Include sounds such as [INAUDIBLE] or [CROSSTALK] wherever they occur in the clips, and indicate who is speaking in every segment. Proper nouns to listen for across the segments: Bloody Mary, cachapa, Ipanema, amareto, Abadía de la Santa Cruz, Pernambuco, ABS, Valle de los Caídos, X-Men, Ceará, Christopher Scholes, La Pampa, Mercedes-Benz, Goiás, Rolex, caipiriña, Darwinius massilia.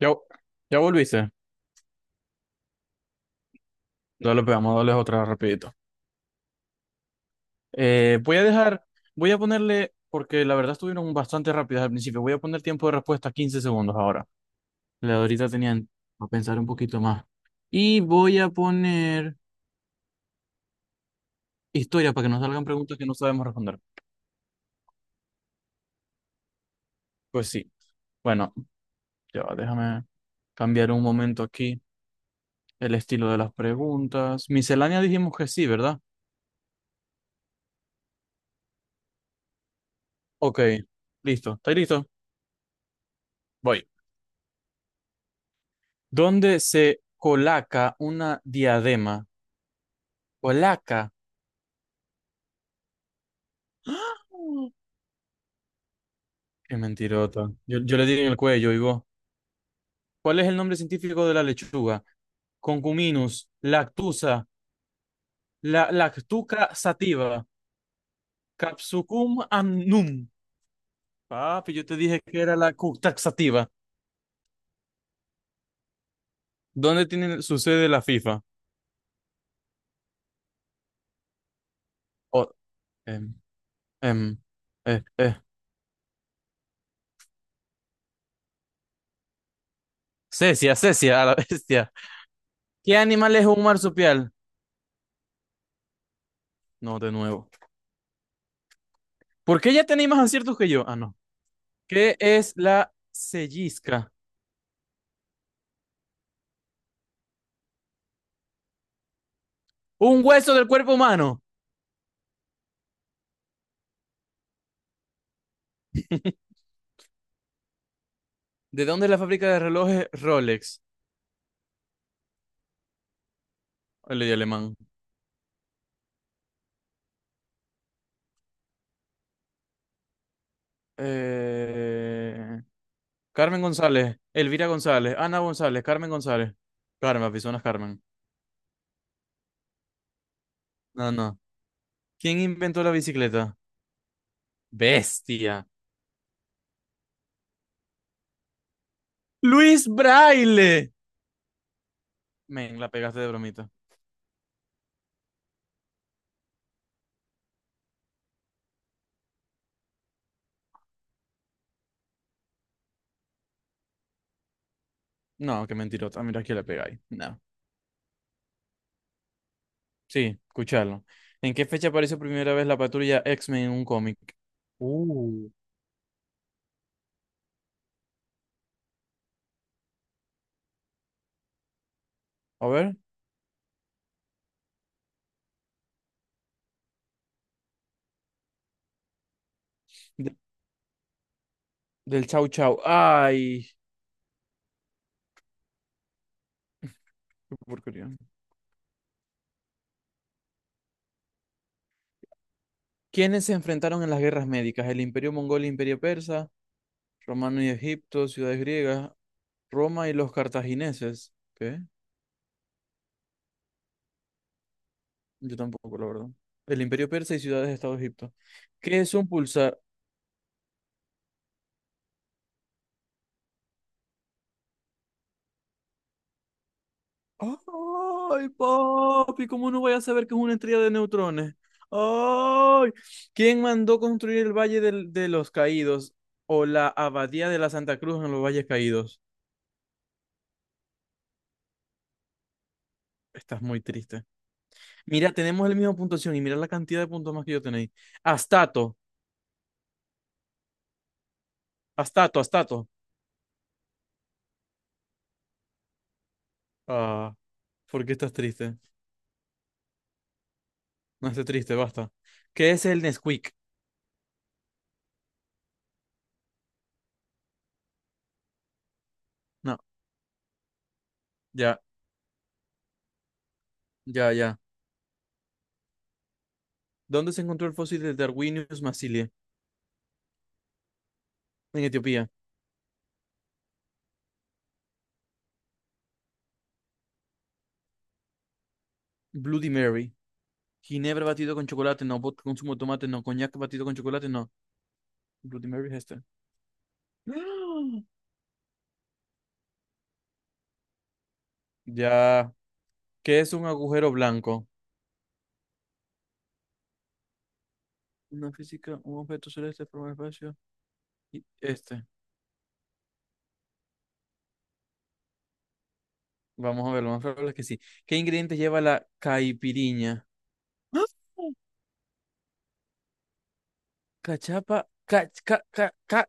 Speaker 1: Ya, ya volviste. Dale, pegamos, dale otra rapidito. Voy a dejar, voy a ponerle, porque la verdad estuvieron bastante rápidas al principio. Voy a poner tiempo de respuesta 15 segundos ahora. La de ahorita tenían a pensar un poquito más. Y voy a poner historia para que nos salgan preguntas que no sabemos responder. Pues sí. Bueno, ya va, déjame cambiar un momento aquí el estilo de las preguntas. Miscelánea dijimos que sí, ¿verdad? Ok, listo. ¿Estáis listo? Voy. ¿Dónde se colaca una diadema? ¿Colaca? ¡Ah! Qué mentirota. Yo le di en el cuello, y vos. ¿Cuál es el nombre científico de la lechuga? Concuminus, lactusa, lactuca sativa, capsucum annum. Papi, yo te dije que era la cu- ¿Dónde tiene su sede la FIFA? Oh, em, em, eh, eh. Cecia, Cecia, a la bestia. ¿Qué animal es un marsupial? No, de nuevo. ¿Por qué ya tenéis más aciertos que yo? Ah, no. ¿Qué es la sellisca? Un hueso del cuerpo humano. [LAUGHS] ¿De dónde es la fábrica de relojes Rolex? Le di alemán. Eh, Carmen González, Elvira González, Ana González, Carmen González. Carmen, personas Carmen. No, no. ¿Quién inventó la bicicleta? Bestia. Luis Braille. Men, la pegaste de bromita. No, qué mentirota. Mira que la pegáis. No. Sí, escucharlo. ¿En qué fecha apareció primera vez la patrulla X-Men en un cómic? Uh. A ver. De- del Chau Chau. Ay, qué porquería. ¿Quiénes se enfrentaron en las guerras médicas? El Imperio Mongol, Imperio Persa, Romano y Egipto, ciudades griegas, Roma y los cartagineses. ¿Qué? Yo tampoco, la verdad. El Imperio Persa y ciudades de Estado de Egipto. ¿Qué es un pulsar? Ay, papi, ¿cómo no voy a saber que es una estrella de neutrones? Ay, ¿quién mandó construir el Valle del- de los Caídos o la Abadía de la Santa Cruz en los Valles Caídos? Estás muy triste. Mira, tenemos la misma puntuación y mira la cantidad de puntos más que yo tenéis. Astato, Astato, Astato. Ah, ¿por qué estás triste? No estés triste, basta. ¿Qué es el Nesquik? No, ya, ya, ya. ¿Dónde se encontró el fósil de Darwinius massilia? En Etiopía. Bloody Mary. Ginebra batido con chocolate, no. Vodka con zumo de tomate, no. Coñac batido con chocolate, no. Bloody Mary es esta. [GASPS] Ya. ¿Qué es un agujero blanco? Una física, un objeto celeste por un espacio. Y este. Vamos a ver, lo más probable es que sí. ¿Qué ingredientes lleva la caipiriña? ¡Ah! Cachapa. Ca, ca, ca, ca-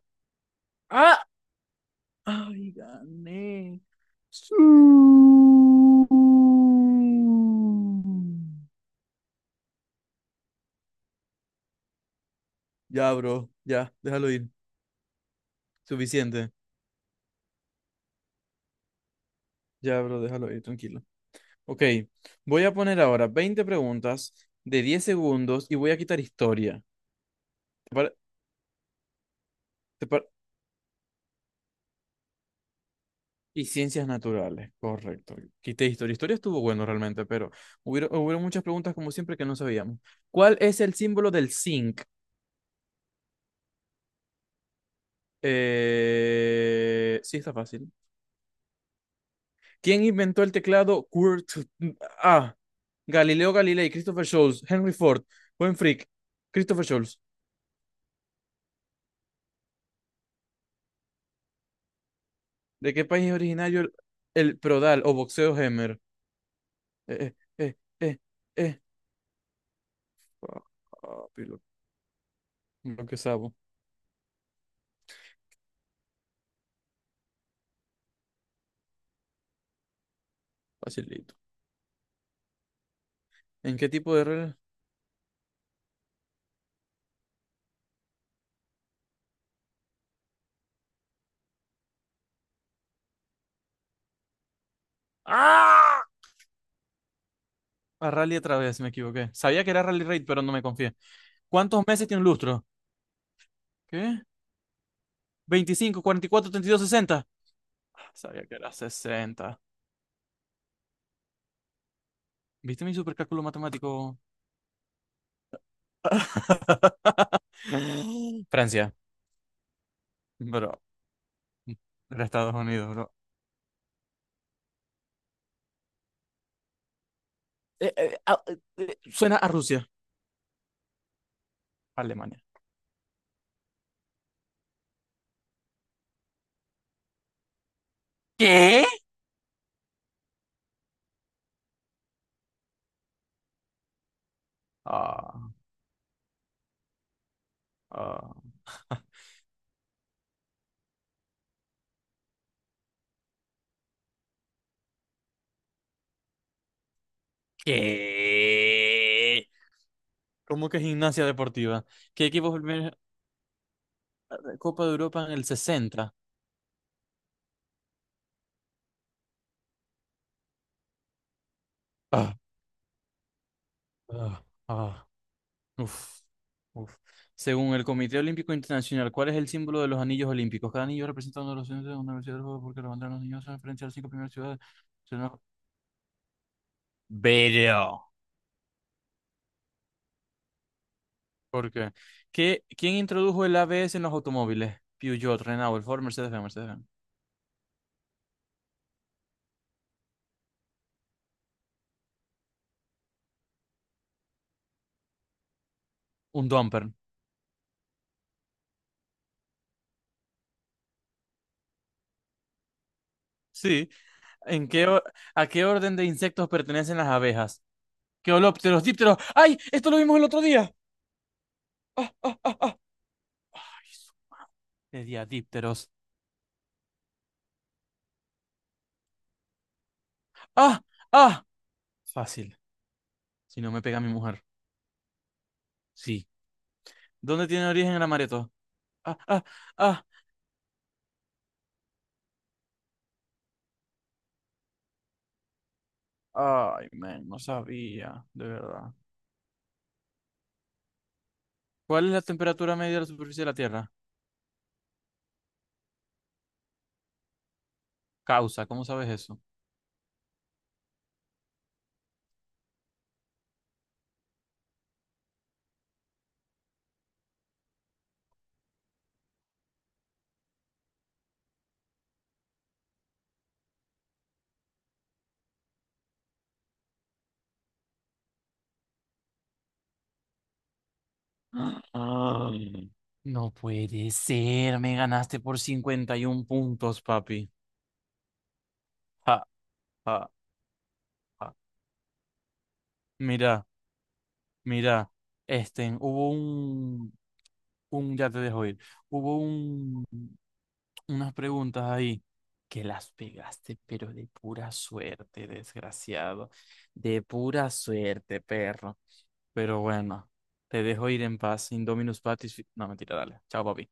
Speaker 1: ¡Ah! ¡Ay, gané! Sí. Ya, bro. Ya, déjalo ir. Suficiente. Ya, bro, déjalo ahí, tranquilo. Ok, voy a poner ahora 20 preguntas de 10 segundos y voy a quitar historia. ¿Te pare- te par- y ciencias naturales, correcto. Quité historia. Historia estuvo bueno realmente, pero hubieron muchas preguntas como siempre que no sabíamos. ¿Cuál es el símbolo del zinc? Sí, está fácil. ¿Quién inventó el teclado Kurt? A. Galileo Galilei, Christopher Scholes, Henry Ford, Buen Frick, Christopher Scholes. ¿De qué país es originario el prodal o boxeo Hemer? Eh, eh, eh, eh, eh. Papi, lo que sabo. Facilito. ¿En qué tipo de rally? ¡Ah! A rally otra vez, me equivoqué. Sabía que era rally raid, pero no me confié. ¿Cuántos meses tiene un lustro? ¿Qué? ¿25, 44, 32, 60? Ah, sabía que era sesenta. ¿Viste mi supercálculo matemático? [LAUGHS] Francia, bro. Era Estados Unidos, bro. Suena a Rusia. Alemania. ¿Qué? Ah, ah. [LAUGHS] ¿Qué? ¿Cómo que gimnasia deportiva? ¿Qué equipo fue el primer Copa de Europa en el 60? Ah, ah, ah. Uf, uf. Según el Comité Olímpico Internacional, ¿cuál es el símbolo de los anillos olímpicos? Cada anillo representa uno de los centros de una universidad del juego porque la bandera de los niños se referencia a las cinco primeras ciudades. Si no- Pero. ¿Por qué? ¿Qué- ¿Quién introdujo el ABS en los automóviles? Peugeot, Renault, Ford, Mercedes-Benz, Mercedes-Benz. Un dumper. Sí, ¿en qué, o- a qué orden de insectos pertenecen las abejas? Queolópteros, dípteros. ¡Ay! Esto lo vimos el otro día. ¡Ah, ah, ah! Ay, su- Le di a dípteros. ¡Ah, ah! Fácil. Si no me pega mi mujer. Sí. ¿Dónde tiene origen el amareto? ¡Ah, ah, ah! Ay, men, no sabía, de verdad. ¿Cuál es la temperatura media de la superficie de la Tierra? Causa, ¿cómo sabes eso? [GASPS] Ah. No puede ser, me ganaste por 51 puntos, papi. Ja, ja, ja. Mira, mira, este, hubo un, ya te dejo ir, hubo unas preguntas ahí que las pegaste, pero de pura suerte, desgraciado, de pura suerte, perro. Pero bueno, te dejo ir en paz, Indominus Patis, fi- no, mentira, dale, chao, papi.